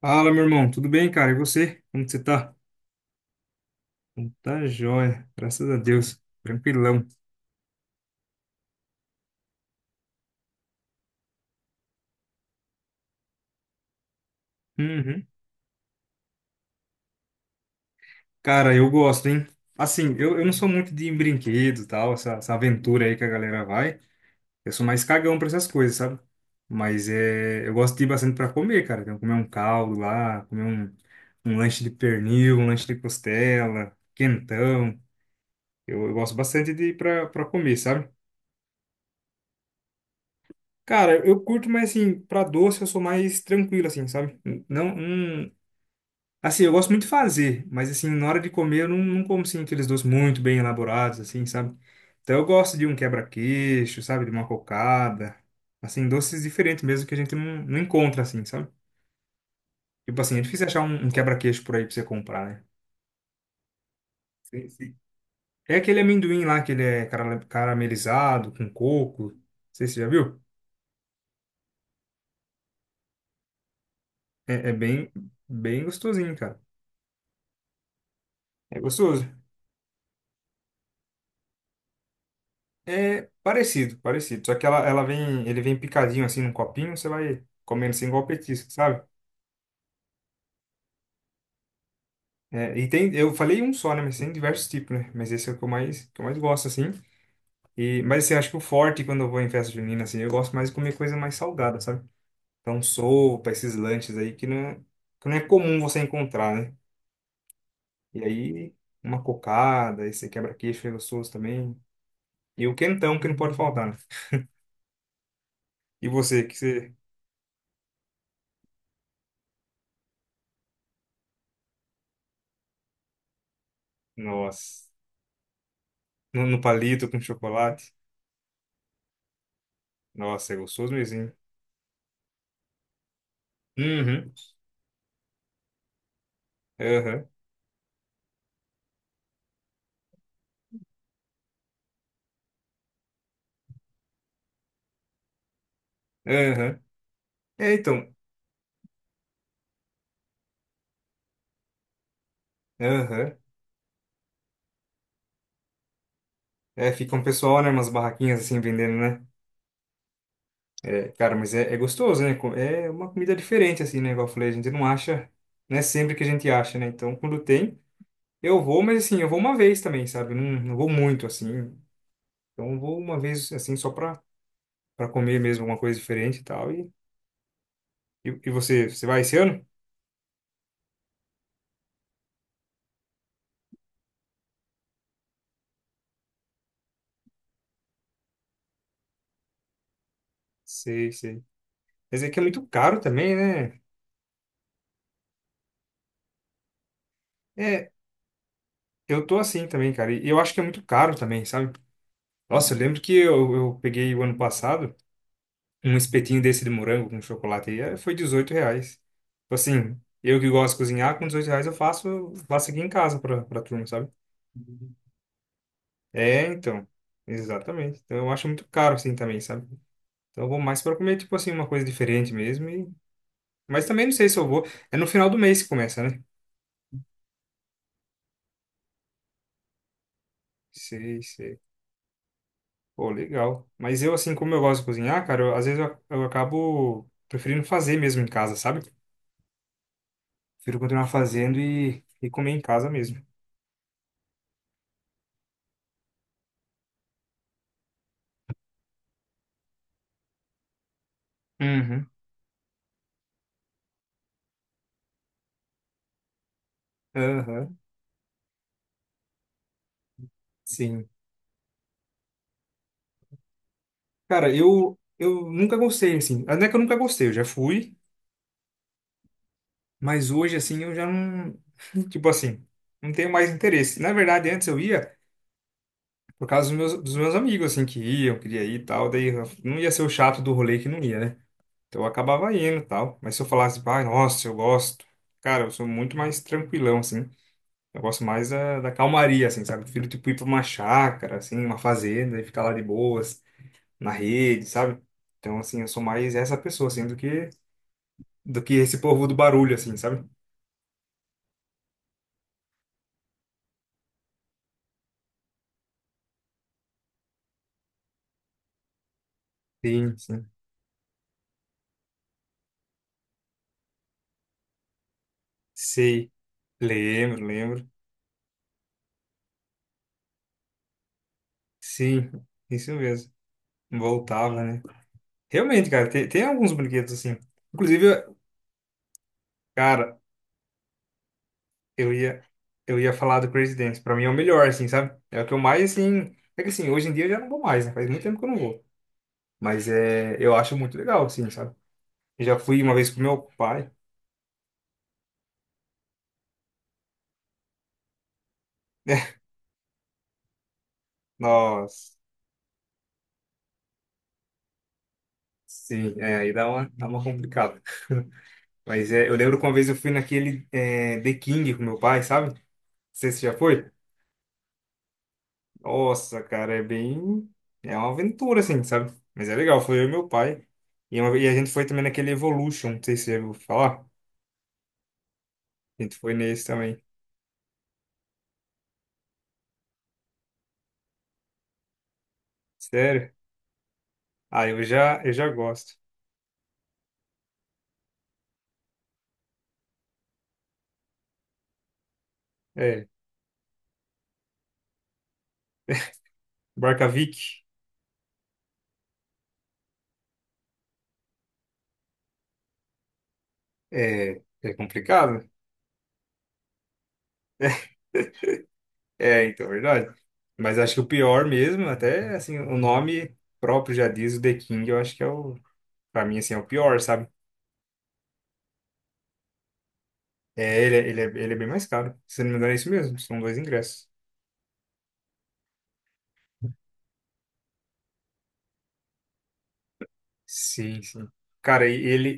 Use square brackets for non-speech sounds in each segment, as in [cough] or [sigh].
Fala, meu irmão, tudo bem, cara? E você? Como que você tá? Então tá jóia, graças a Deus, tranquilão. Uhum. Cara, eu gosto, hein? Assim, eu não sou muito de brinquedo e tal, essa aventura aí que a galera vai. Eu sou mais cagão pra essas coisas, sabe? Mas é, eu gosto de ir bastante pra comer, cara. Então, comer um caldo lá, comer um lanche de pernil, um lanche de costela, quentão. Eu gosto bastante de ir pra comer, sabe? Cara, eu curto, mas assim, pra doce eu sou mais tranquilo, assim, sabe? Não, não. Assim, eu gosto muito de fazer, mas assim, na hora de comer eu não como, assim, aqueles doces muito bem elaborados, assim, sabe? Então eu gosto de um quebra-queixo, sabe? De uma cocada. Assim, doces diferentes mesmo que a gente não encontra, assim, sabe? Tipo assim, é difícil achar um quebra-queixo por aí pra você comprar, né? Sim, sim. É aquele amendoim lá que ele é caramelizado com coco. Não sei se você já viu. É bem, bem gostosinho, cara. É gostoso. É parecido, parecido. Só que ele vem picadinho assim num copinho, você vai comendo assim igual petisco, sabe? É, e tem, eu falei um só, né? Mas tem diversos tipos, né? Mas esse é o que eu mais gosto, assim. E, mas assim, acho que o forte quando eu vou em festa junina, assim, eu gosto mais de comer coisa mais salgada, sabe? Então, sopa, esses lanches aí que não é comum você encontrar, né? E aí, uma cocada, esse quebra-queixo é gostoso também. E o quentão que não pode faltar, né? E você, que você. Nossa, no palito com chocolate. Nossa, é gostoso mesmo, hein? Uhum, aham, aham. É, então, aham. É, fica um pessoal, né, umas barraquinhas assim vendendo, né? É, cara, mas é gostoso, né? É uma comida diferente, assim, né? Igual eu falei, a gente não acha, não é sempre que a gente acha, né? Então, quando tem, eu vou, mas assim, eu vou uma vez também, sabe? Eu não vou muito, assim. Então, eu vou uma vez, assim, só pra comer mesmo alguma coisa diferente e tal. E você vai esse ano? Sei, sei. Mas é que é muito caro também, né? É, eu tô assim também, cara. E eu acho que é muito caro também, sabe? Nossa, eu lembro que eu peguei o ano passado um espetinho desse de morango com chocolate e foi R$ 18. Tipo assim, eu que gosto de cozinhar, com R$ 18 eu faço aqui em casa pra turma, sabe? É, então. Exatamente. Então eu acho muito caro assim também, sabe? Então eu vou mais pra comer, tipo assim, uma coisa diferente mesmo. E. Mas também não sei se eu vou. É no final do mês que começa, né? Sei, sei. Pô, legal. Mas eu, assim, como eu gosto de cozinhar, cara, às vezes eu acabo preferindo fazer mesmo em casa, sabe? Prefiro continuar fazendo e comer em casa mesmo. Uhum. Aham. Sim. Cara, eu nunca gostei, assim. Não é que eu nunca gostei, eu já fui, mas hoje, assim, eu já não. [laughs] Tipo assim, não tenho mais interesse. Na verdade, antes eu ia por causa dos meus amigos, assim, que iam, queria ir e tal, daí eu não ia ser o chato do rolê que não ia, né? Então eu acabava indo e tal. Mas se eu falasse, pai, nossa, eu gosto. Cara, eu sou muito mais tranquilão, assim. Eu gosto mais da calmaria, assim, sabe? Eu prefiro, tipo, ir pra uma chácara, assim, uma fazenda e ficar lá de boas, na rede, sabe? Então, assim, eu sou mais essa pessoa, assim, do que esse povo do barulho, assim, sabe? Sim, sim. Sei. Lembro, lembro. Sim, isso mesmo. Voltava, né? Realmente, cara, tem alguns brinquedos, assim. Inclusive, cara, Eu ia, eu ia falar do Crazy Dance. Pra mim é o melhor, assim, sabe? É o que eu mais, assim. É que assim, hoje em dia eu já não vou mais, né? Faz muito tempo que eu não vou. Mas é, eu acho muito legal, assim, sabe? Eu já fui uma vez com meu pai. [laughs] Nossa, sim, é, aí dá uma complicada. [laughs] Mas é, eu lembro que uma vez eu fui naquele The King com meu pai, sabe? Não sei se você já foi. Nossa, cara, é bem. É uma aventura, assim, sabe? Mas é legal, foi eu e meu pai. E a gente foi também naquele Evolution, não sei se você já ouviu falar. A gente foi nesse também. Sério? Ah, eu já gosto. É, Barkavik é complicado. [laughs] É, então, verdade. Mas acho que o pior mesmo, até assim, o nome próprio já diz, o The King, eu acho que é o, pra mim, assim, é o pior, sabe? É, ele é bem mais caro. Se não me engano, é isso mesmo, são dois ingressos. Sim, sim. Cara, e ele,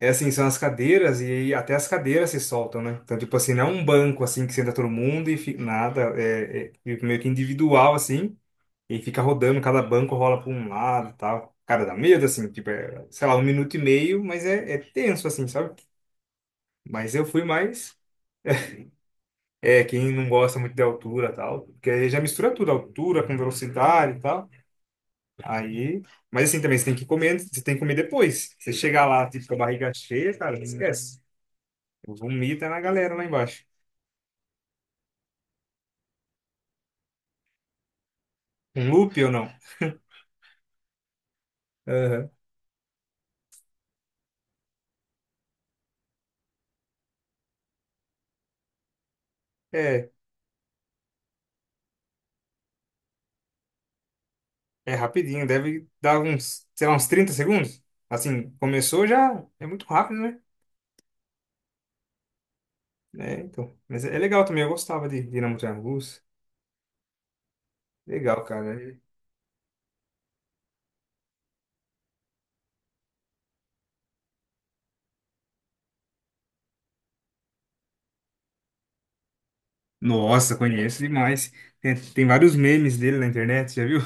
é assim, são as cadeiras e aí até as cadeiras se soltam, né? Então, tipo assim, não é um banco, assim, que senta todo mundo e fica, nada, é meio que individual, assim. E fica rodando, cada banco rola para um lado e tal. Cara, dá medo, assim, tipo, é, sei lá, 1 minuto e meio, mas é tenso, assim, sabe? Mas eu fui mais. [laughs] É, quem não gosta muito de altura e tal, porque aí já mistura tudo, altura com velocidade e tal. Aí, mas assim também, você tem que comer, você tem que comer depois. Você chegar lá, tipo, com a barriga cheia, cara, esquece. Vomita na galera lá embaixo. Um loop ou não? Aham. É, é rapidinho, deve dar uns, sei lá, uns 30 segundos. Assim, começou já, é muito rápido, né? É, então. Mas é legal também, eu gostava de Dinamo de Angus. Legal, cara. Nossa, conheço demais. Tem vários memes dele na internet, já viu?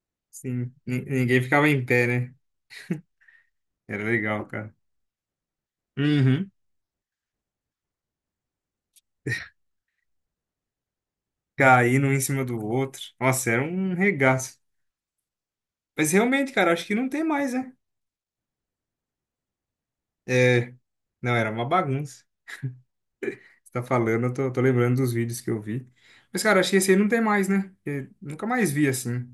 [laughs] Sim, ninguém ficava em pé, né? Era legal, cara. Uhum. Caindo um em cima do outro. Nossa, era um regaço. Mas realmente, cara, acho que não tem mais, né? É, não, era uma bagunça. Você tá falando, eu tô lembrando dos vídeos que eu vi. Mas, cara, acho que esse aí não tem mais, né? Eu nunca mais vi assim.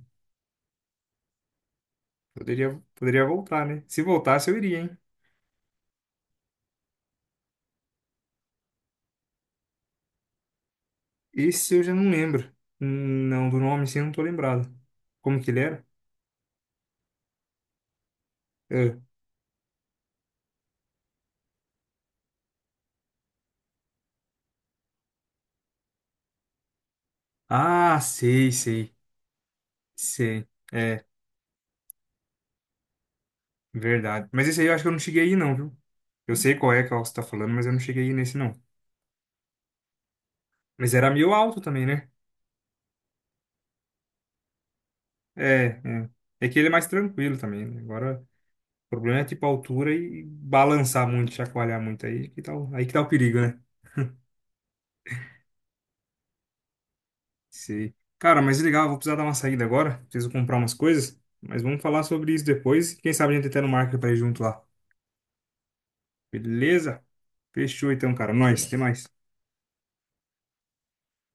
Poderia voltar, né? Se voltasse, eu iria, hein? Esse eu já não lembro. Não, do nome assim eu não tô lembrado. Como que ele era? É. Ah, sei, sei. Sei. É, verdade. Mas esse aí eu acho que eu não cheguei aí, não, viu? Eu sei qual é que você tá falando, mas eu não cheguei aí nesse, não. Mas era meio alto também, né? É, é. É que ele é mais tranquilo também, né? Agora, o problema é tipo a altura e balançar muito, chacoalhar muito aí que tá o perigo, né? Sei. Cara, mas legal, vou precisar dar uma saída agora. Preciso comprar umas coisas. Mas vamos falar sobre isso depois. Quem sabe a gente até no marca pra ir junto lá. Beleza? Fechou então, cara. Nós, até mais.